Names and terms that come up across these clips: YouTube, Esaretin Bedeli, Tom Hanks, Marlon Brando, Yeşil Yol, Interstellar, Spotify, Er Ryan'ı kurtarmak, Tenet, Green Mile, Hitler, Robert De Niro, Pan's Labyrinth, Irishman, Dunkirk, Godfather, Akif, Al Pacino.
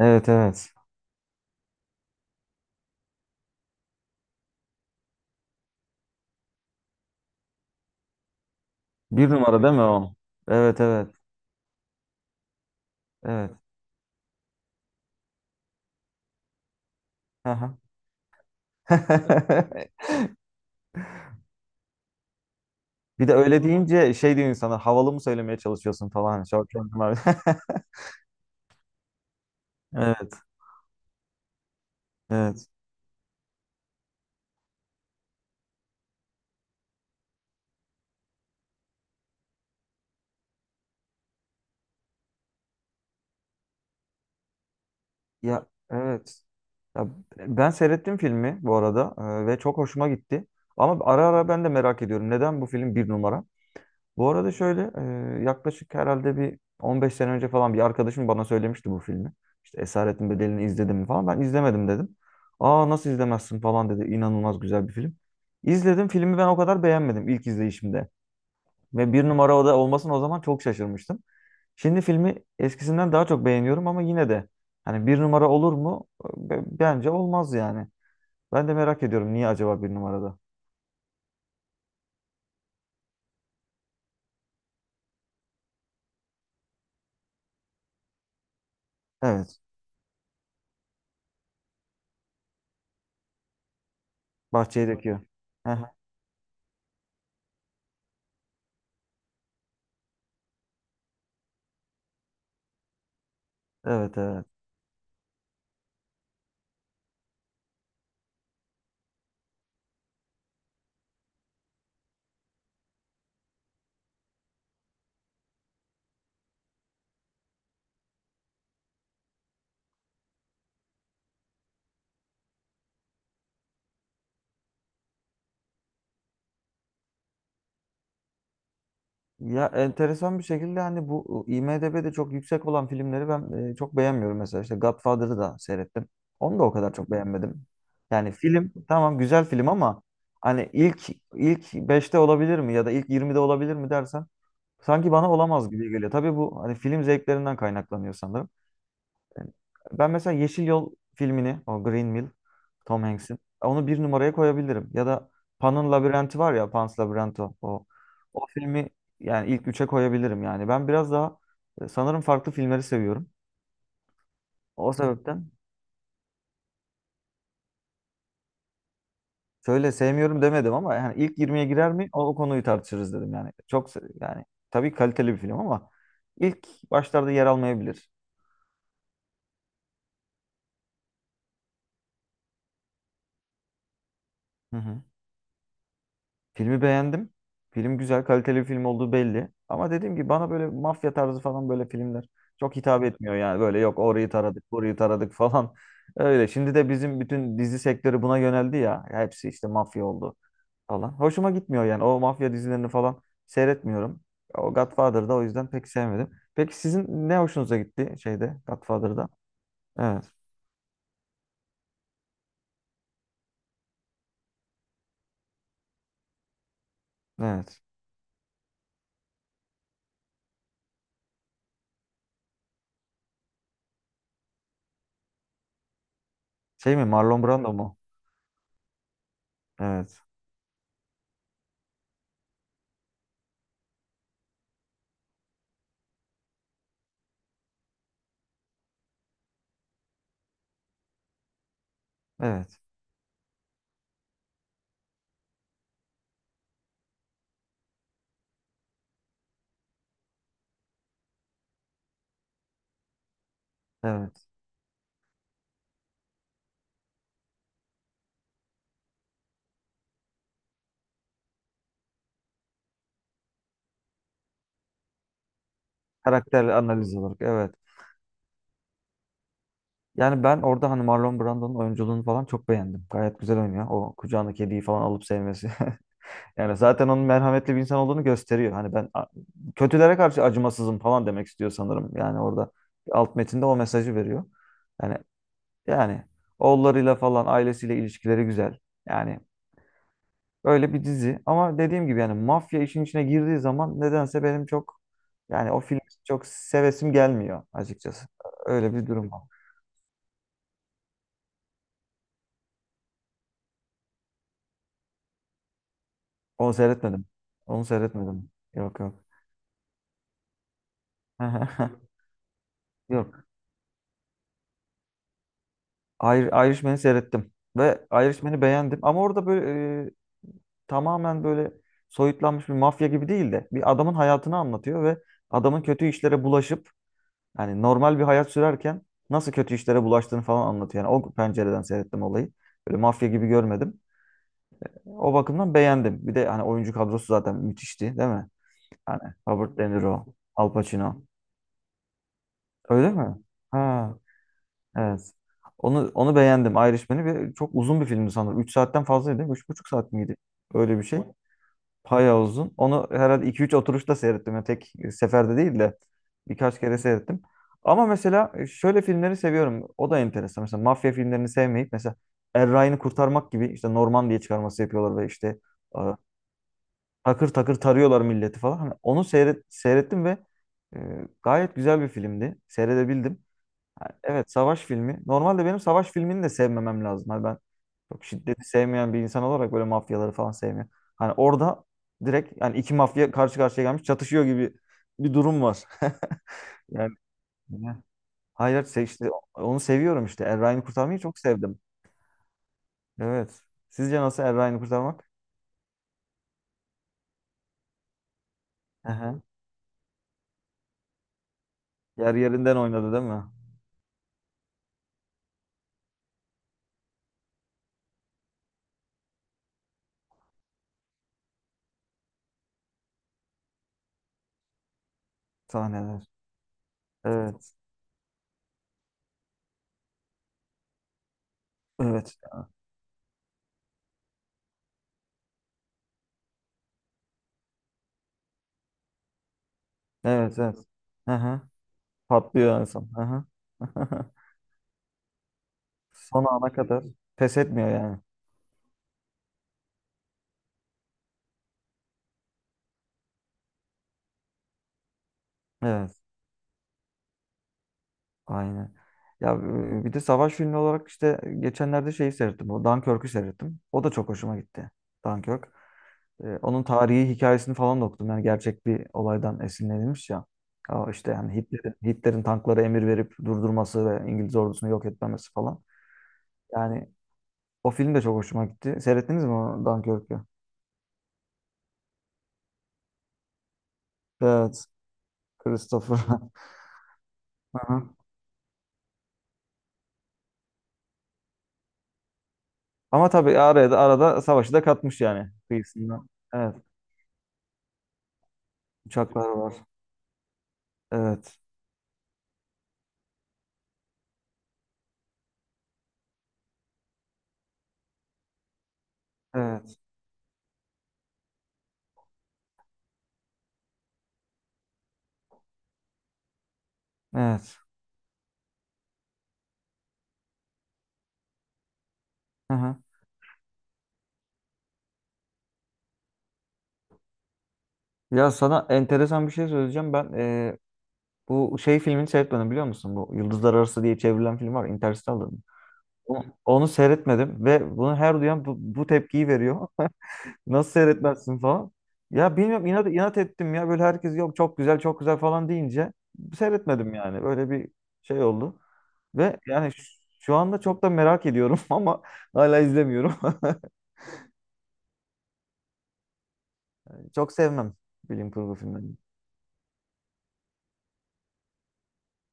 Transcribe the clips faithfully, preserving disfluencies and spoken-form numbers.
Evet evet. Bir numara değil mi o? Evet evet. Evet. Aha. Bir de öyle deyince şey diyor insanlar havalı mı söylemeye çalışıyorsun falan. Şort var. Evet. Evet. Ya evet. Ya, ben seyrettim filmi bu arada e, ve çok hoşuma gitti. Ama ara ara ben de merak ediyorum. Neden bu film bir numara? Bu arada şöyle e, yaklaşık herhalde bir on beş sene önce falan bir arkadaşım bana söylemişti bu filmi. İşte Esaretin Bedeli'ni izledim mi falan. Ben izlemedim dedim. Aa nasıl izlemezsin falan dedi. İnanılmaz güzel bir film. İzledim filmi, ben o kadar beğenmedim ilk izleyişimde. Ve bir numara oda olmasına o zaman çok şaşırmıştım. Şimdi filmi eskisinden daha çok beğeniyorum ama yine de hani bir numara olur mu? Be- Bence olmaz yani. Ben de merak ediyorum niye acaba bir numarada? Evet. Bahçeyi döküyor. Heh, evet evet. Ya enteresan bir şekilde hani bu IMDb'de çok yüksek olan filmleri ben e, çok beğenmiyorum, mesela işte Godfather'ı da seyrettim. Onu da o kadar çok beğenmedim. Yani film tamam, güzel film ama hani ilk ilk beşte olabilir mi ya da ilk yirmide olabilir mi dersen, sanki bana olamaz gibi geliyor. Tabii bu hani film zevklerinden kaynaklanıyor sanırım. Ben mesela Yeşil Yol filmini, o Green Mile, Tom Hanks'in. Onu bir numaraya koyabilirim. Ya da Pan'ın Labirenti var ya, Pan's Labyrinth o. O filmi yani ilk üçe koyabilirim yani. Ben biraz daha e, sanırım farklı filmleri seviyorum. O sebepten şöyle sevmiyorum demedim ama yani ilk yirmiye girer mi, o, o konuyu tartışırız dedim yani. Çok se- yani tabii kaliteli bir film ama ilk başlarda yer almayabilir. Hı hı. Filmi beğendim. Film güzel, kaliteli bir film olduğu belli. Ama dediğim gibi bana böyle mafya tarzı falan böyle filmler çok hitap etmiyor yani. Böyle yok orayı taradık, burayı taradık falan. Öyle. Şimdi de bizim bütün dizi sektörü buna yöneldi ya. Hepsi işte mafya oldu falan. Hoşuma gitmiyor yani. O mafya dizilerini falan seyretmiyorum. O Godfather'da o yüzden pek sevmedim. Peki sizin ne hoşunuza gitti şeyde, Godfather'da? Evet. Evet. Şey mi, Marlon Brando mu? Evet. Evet. Evet. Karakter analiz olarak. Evet. Yani ben orada hani Marlon Brando'nun oyunculuğunu falan çok beğendim. Gayet güzel oynuyor. O kucağına kediyi falan alıp sevmesi. Yani zaten onun merhametli bir insan olduğunu gösteriyor. Hani ben a- kötülere karşı acımasızım falan demek istiyor sanırım. Yani orada alt metinde o mesajı veriyor. Yani yani oğullarıyla falan, ailesiyle ilişkileri güzel. Yani öyle bir dizi. Ama dediğim gibi yani, mafya işin içine girdiği zaman nedense benim çok, yani o film çok sevesim gelmiyor açıkçası. Öyle bir durum var. Onu seyretmedim. Onu seyretmedim. Yok yok. Yok. Ir Irishman'ı seyrettim. Ve Irishman'ı beğendim. Ama orada böyle e, tamamen böyle soyutlanmış bir mafya gibi değil de bir adamın hayatını anlatıyor ve adamın kötü işlere bulaşıp, yani normal bir hayat sürerken nasıl kötü işlere bulaştığını falan anlatıyor. Yani o pencereden seyrettim olayı. Böyle mafya gibi görmedim. O bakımdan beğendim. Bir de hani oyuncu kadrosu zaten müthişti değil mi? Yani Robert De Niro, Al Pacino. Öyle mi? Ha, evet. Onu onu beğendim, Irishman'i, ve çok uzun bir filmdi sanırım. Üç saatten fazlaydı değil mi? Üç buçuk saat miydi? Öyle bir şey. Bayağı uzun. Onu herhalde iki üç oturuşta seyrettim. Yani tek seferde değil de birkaç kere seyrettim. Ama mesela şöyle filmleri seviyorum. O da enteresan. Mesela mafya filmlerini sevmeyip mesela Er Ryan'ı kurtarmak gibi, işte Norman diye çıkarması yapıyorlar ve işte e, takır takır tarıyorlar milleti falan. Hani onu seyret, seyrettim ve e, gayet güzel bir filmdi. Seyredebildim. Evet, savaş filmi. Normalde benim savaş filmini de sevmemem lazım. Hani ben çok şiddeti sevmeyen bir insan olarak böyle mafyaları falan sevmiyorum. Hani orada direkt yani iki mafya karşı karşıya gelmiş çatışıyor gibi bir durum var. Yani hayır, se- işte onu seviyorum işte. Er Ryan'ı kurtarmayı çok sevdim. Evet. Sizce nasıl Er Ryan'ı kurtarmak? Hı hı. Yer yerinden oynadı değil mi? Sahneler. Evet. Evet. Evet. Evet. Hı hı. Patlıyor en son. Hı hı. Son ana kadar pes etmiyor yani. Evet. Aynen. Ya e, bir de savaş filmi olarak işte geçenlerde şeyi seyrettim. O Dunkirk'ü seyrettim. O da çok hoşuma gitti. Dunkirk. E, onun tarihi hikayesini falan da okudum. Yani gerçek bir olaydan esinlenilmiş ya. Ya işte yani Hitler'in Hitler'in tanklara emir verip durdurması ve İngiliz ordusunu yok etmemesi falan. Yani o film de çok hoşuma gitti. Seyrettiniz mi o Dunkirk'ü? Evet. Christopher. Aha. Ama tabii arada arada savaşı da katmış yani, kıyısından. Evet. Uçaklar var. Evet. Evet. Evet. Hı hı. Ya sana enteresan bir şey söyleyeceğim. Ben eee, bu şey filmini seyretmedim biliyor musun? Bu Yıldızlar Arası diye çevrilen film var. Interstellar. Onu, onu seyretmedim ve bunu her duyan bu, bu tepkiyi veriyor. Nasıl seyretmezsin falan. Ya bilmiyorum, inat, inat ettim ya. Böyle herkes yok çok güzel çok güzel falan deyince seyretmedim yani. Böyle bir şey oldu. Ve yani şu, şu anda çok da merak ediyorum ama hala izlemiyorum. Çok sevmem bilim kurgu filmlerini.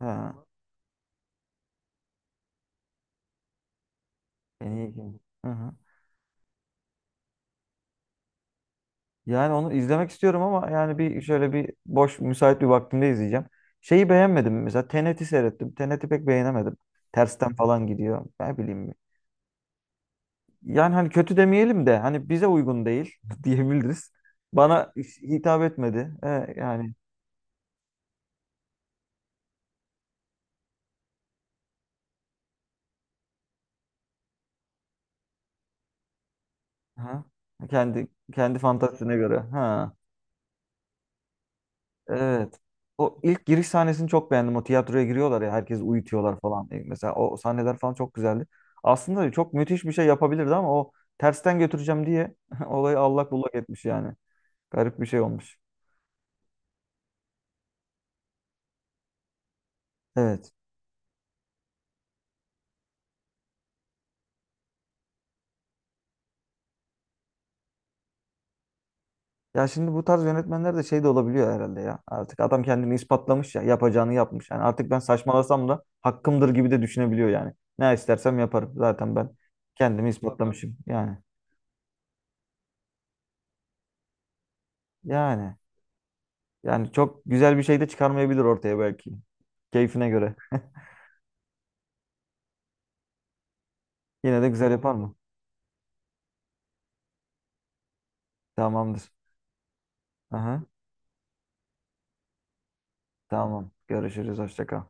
Ha, en iyi film. Hı hı. Yani onu izlemek istiyorum ama yani bir şöyle bir boş müsait bir vaktimde izleyeceğim. Şeyi beğenmedim, mesela Tenet'i seyrettim. Tenet'i pek beğenemedim. Tersten falan gidiyor. Ne bileyim. Yani hani kötü demeyelim de hani bize uygun değil diyebiliriz. Bana hitap etmedi. E, yani ha, kendi kendi fantazisine göre. Ha. Evet. O ilk giriş sahnesini çok beğendim. O tiyatroya giriyorlar ya, herkes uyutuyorlar falan. E, Mesela o sahneler falan çok güzeldi. Aslında çok müthiş bir şey yapabilirdi ama o tersten götüreceğim diye olayı allak bullak etmiş yani. Garip bir şey olmuş. Evet. Ya şimdi bu tarz yönetmenler de şey de olabiliyor herhalde ya. Artık adam kendini ispatlamış ya. Yapacağını yapmış. Yani artık ben saçmalasam da hakkımdır gibi de düşünebiliyor yani. Ne istersem yaparım. Zaten ben kendimi ispatlamışım. Yani. Yani. Yani çok güzel bir şey de çıkarmayabilir ortaya belki. Keyfine göre. Yine de güzel yapar mı? Tamamdır. Aha, tamam. Görüşürüz. Hoşça kal.